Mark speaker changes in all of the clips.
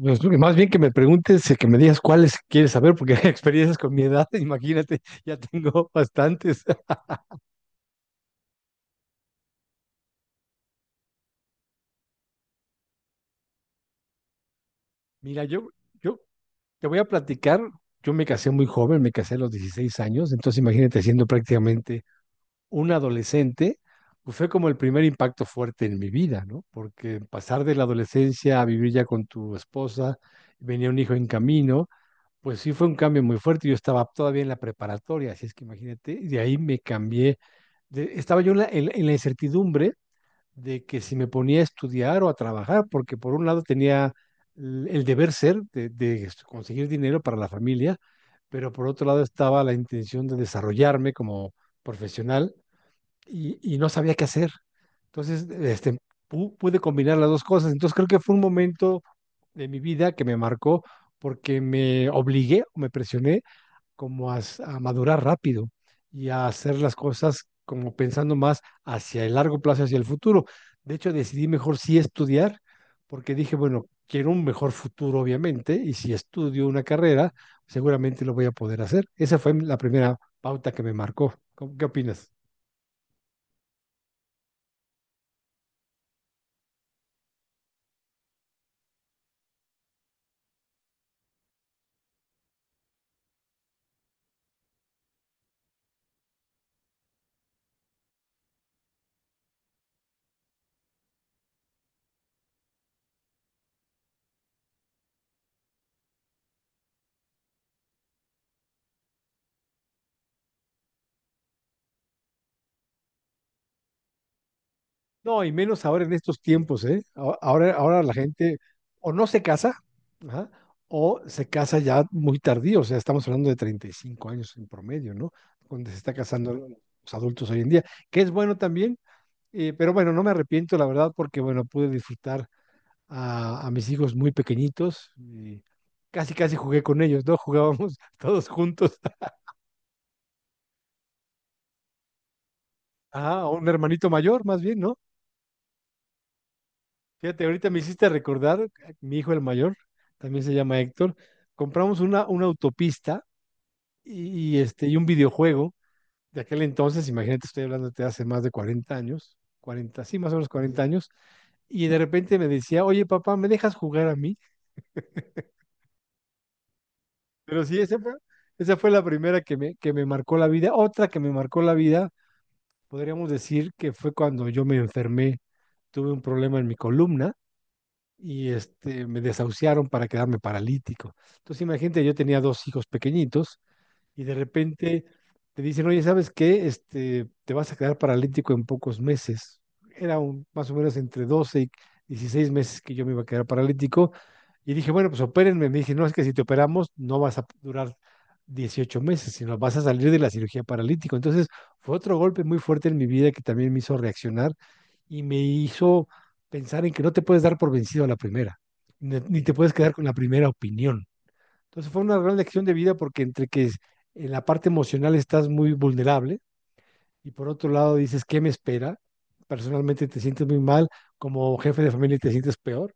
Speaker 1: Pues, que más bien que me preguntes, que me digas cuáles quieres saber, porque hay experiencias con mi edad, imagínate, ya tengo bastantes. Mira, yo te voy a platicar, yo me casé muy joven, me casé a los 16 años, entonces imagínate siendo prácticamente un adolescente, pues fue como el primer impacto fuerte en mi vida, ¿no? Porque pasar de la adolescencia a vivir ya con tu esposa, venía un hijo en camino. Pues sí, fue un cambio muy fuerte. Yo estaba todavía en la preparatoria, así es que imagínate, y de ahí me cambié. Estaba yo en la incertidumbre de que si me ponía a estudiar o a trabajar, porque por un lado tenía el deber ser de conseguir dinero para la familia, pero por otro lado estaba la intención de desarrollarme como profesional, y no sabía qué hacer. Entonces, pude combinar las dos cosas. Entonces, creo que fue un momento de mi vida que me marcó porque me obligué o me presioné como a madurar rápido y a hacer las cosas como pensando más hacia el largo plazo, hacia el futuro. De hecho, decidí mejor sí estudiar, porque dije, bueno, quiero un mejor futuro, obviamente, y si estudio una carrera, seguramente lo voy a poder hacer. Esa fue la primera pauta que me marcó. ¿Qué opinas? No, y menos ahora en estos tiempos, ¿eh? Ahora la gente o no se casa, ajá, o se casa ya muy tardío, o sea, estamos hablando de 35 años en promedio, ¿no? Cuando se está casando los adultos hoy en día, que es bueno también, pero bueno, no me arrepiento, la verdad, porque bueno, pude disfrutar a mis hijos muy pequeñitos, y casi, casi jugué con ellos, ¿no? Jugábamos todos juntos, ajá, a un hermanito mayor, más bien, ¿no? Fíjate, ahorita me hiciste recordar, mi hijo el mayor también se llama Héctor, compramos una autopista y un videojuego de aquel entonces, imagínate, estoy hablando de hace más de 40 años, 40 sí, más o menos 40 años, y de repente me decía, oye papá, ¿me dejas jugar a mí? Pero sí, esa fue la primera que me marcó la vida. Otra que me marcó la vida, podríamos decir que fue cuando yo me enfermé, tuve un problema en mi columna y me desahuciaron para quedarme paralítico. Entonces, imagínate, yo tenía dos hijos pequeñitos y de repente te dicen, oye, ¿sabes qué? Te vas a quedar paralítico en pocos meses. Era más o menos entre 12 y 16 meses que yo me iba a quedar paralítico. Y dije, bueno, pues opérenme. Me dije, no, es que si te operamos no vas a durar 18 meses, sino vas a salir de la cirugía paralítico. Entonces fue otro golpe muy fuerte en mi vida que también me hizo reaccionar y me hizo pensar en que no te puedes dar por vencido a la primera, ni te puedes quedar con la primera opinión. Entonces fue una gran lección de vida porque en la parte emocional estás muy vulnerable, y por otro lado dices, ¿qué me espera? Personalmente te sientes muy mal, como jefe de familia te sientes peor.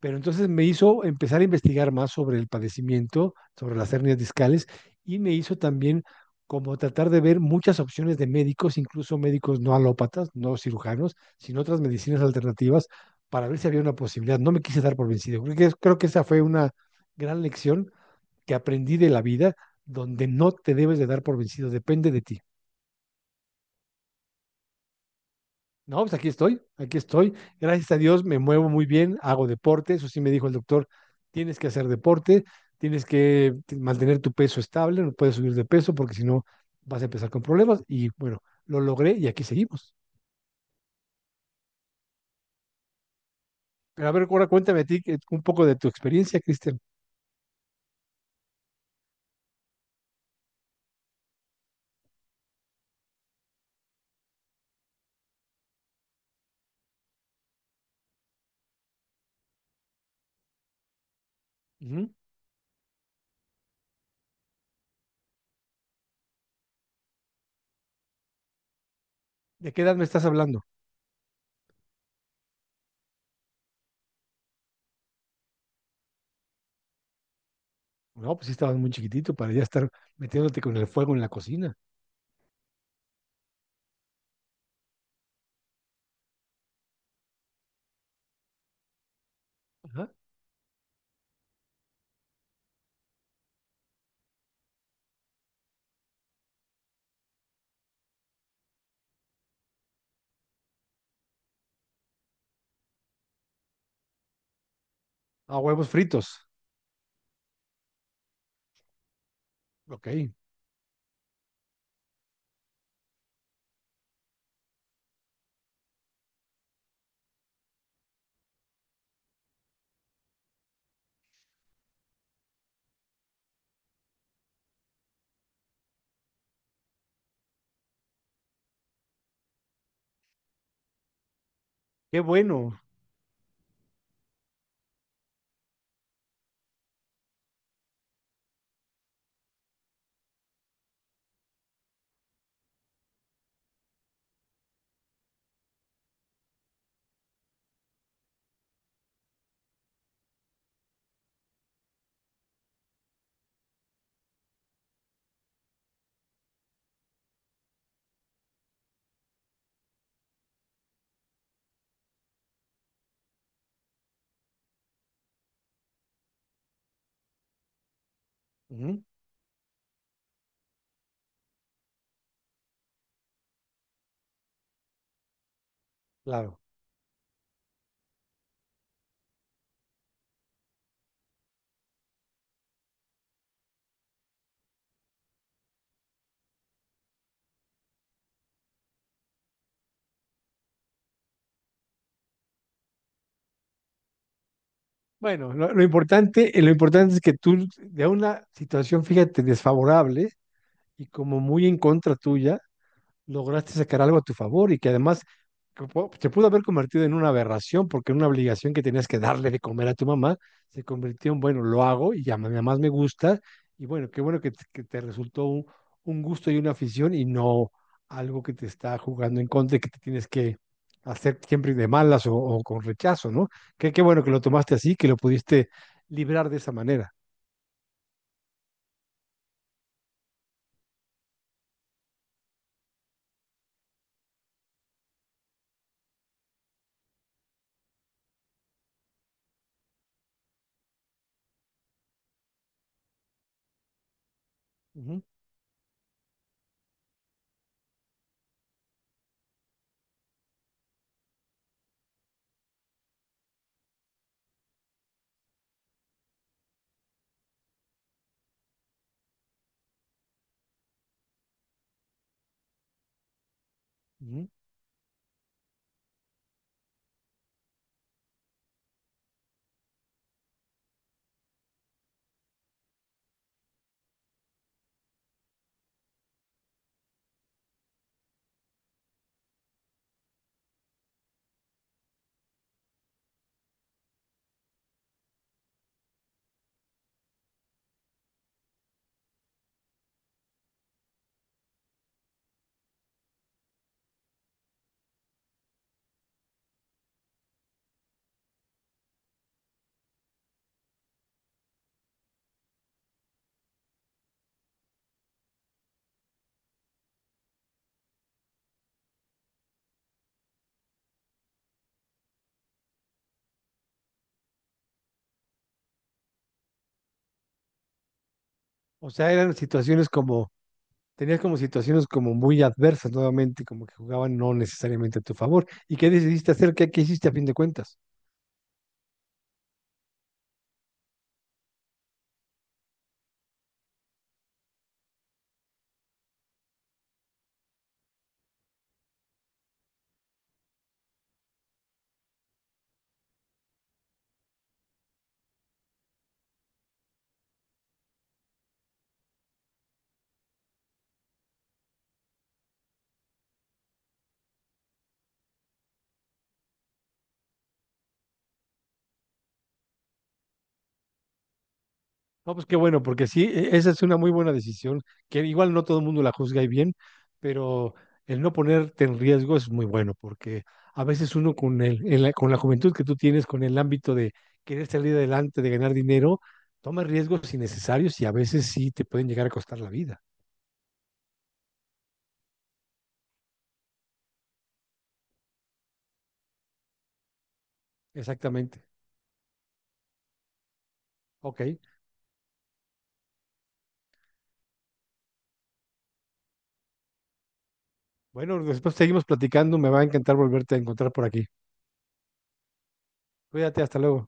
Speaker 1: Pero entonces me hizo empezar a investigar más sobre el padecimiento, sobre las hernias discales, y me hizo también como tratar de ver muchas opciones de médicos, incluso médicos no alópatas, no cirujanos, sino otras medicinas alternativas, para ver si había una posibilidad. No me quise dar por vencido. Creo que esa fue una gran lección que aprendí de la vida, donde no te debes de dar por vencido, depende de ti. No, pues aquí estoy, aquí estoy. Gracias a Dios me muevo muy bien, hago deporte, eso sí me dijo el doctor, tienes que hacer deporte, tienes que mantener tu peso estable, no puedes subir de peso porque si no vas a empezar con problemas. Y bueno, lo logré y aquí seguimos. Pero a ver, ahora cuéntame a ti un poco de tu experiencia, Cristian. ¿De qué edad me estás hablando? No, pues sí estabas muy chiquitito para ya estar metiéndote con el fuego en la cocina. Ajá. A huevos fritos. Ok. Qué bueno. Ujú. Claro. Bueno, lo importante es que tú, de una situación, fíjate, desfavorable y como muy en contra tuya, lograste sacar algo a tu favor, y que además se pudo haber convertido en una aberración, porque una obligación que tenías que darle de comer a tu mamá se convirtió en, bueno, lo hago y ya además me gusta, y bueno, qué bueno que te resultó un gusto y una afición, y no algo que te está jugando en contra y que te tienes que hacer siempre de malas, o con rechazo, ¿no? Qué bueno que lo tomaste así, que lo pudiste librar de esa manera. Ujú, ujú. O sea, eran situaciones como tenías como situaciones como muy adversas nuevamente, como que jugaban no necesariamente a tu favor. ¿Y qué decidiste hacer? ¿Qué hiciste a fin de cuentas? No, pues qué bueno, porque sí, esa es una muy buena decisión, que igual no todo el mundo la juzga y bien, pero el no ponerte en riesgo es muy bueno, porque a veces uno con la juventud que tú tienes, con el ámbito de querer salir adelante, de ganar dinero, toma riesgos innecesarios, y a veces sí te pueden llegar a costar la vida. Exactamente. Ok. Bueno, después seguimos platicando. Me va a encantar volverte a encontrar por aquí. Cuídate, hasta luego.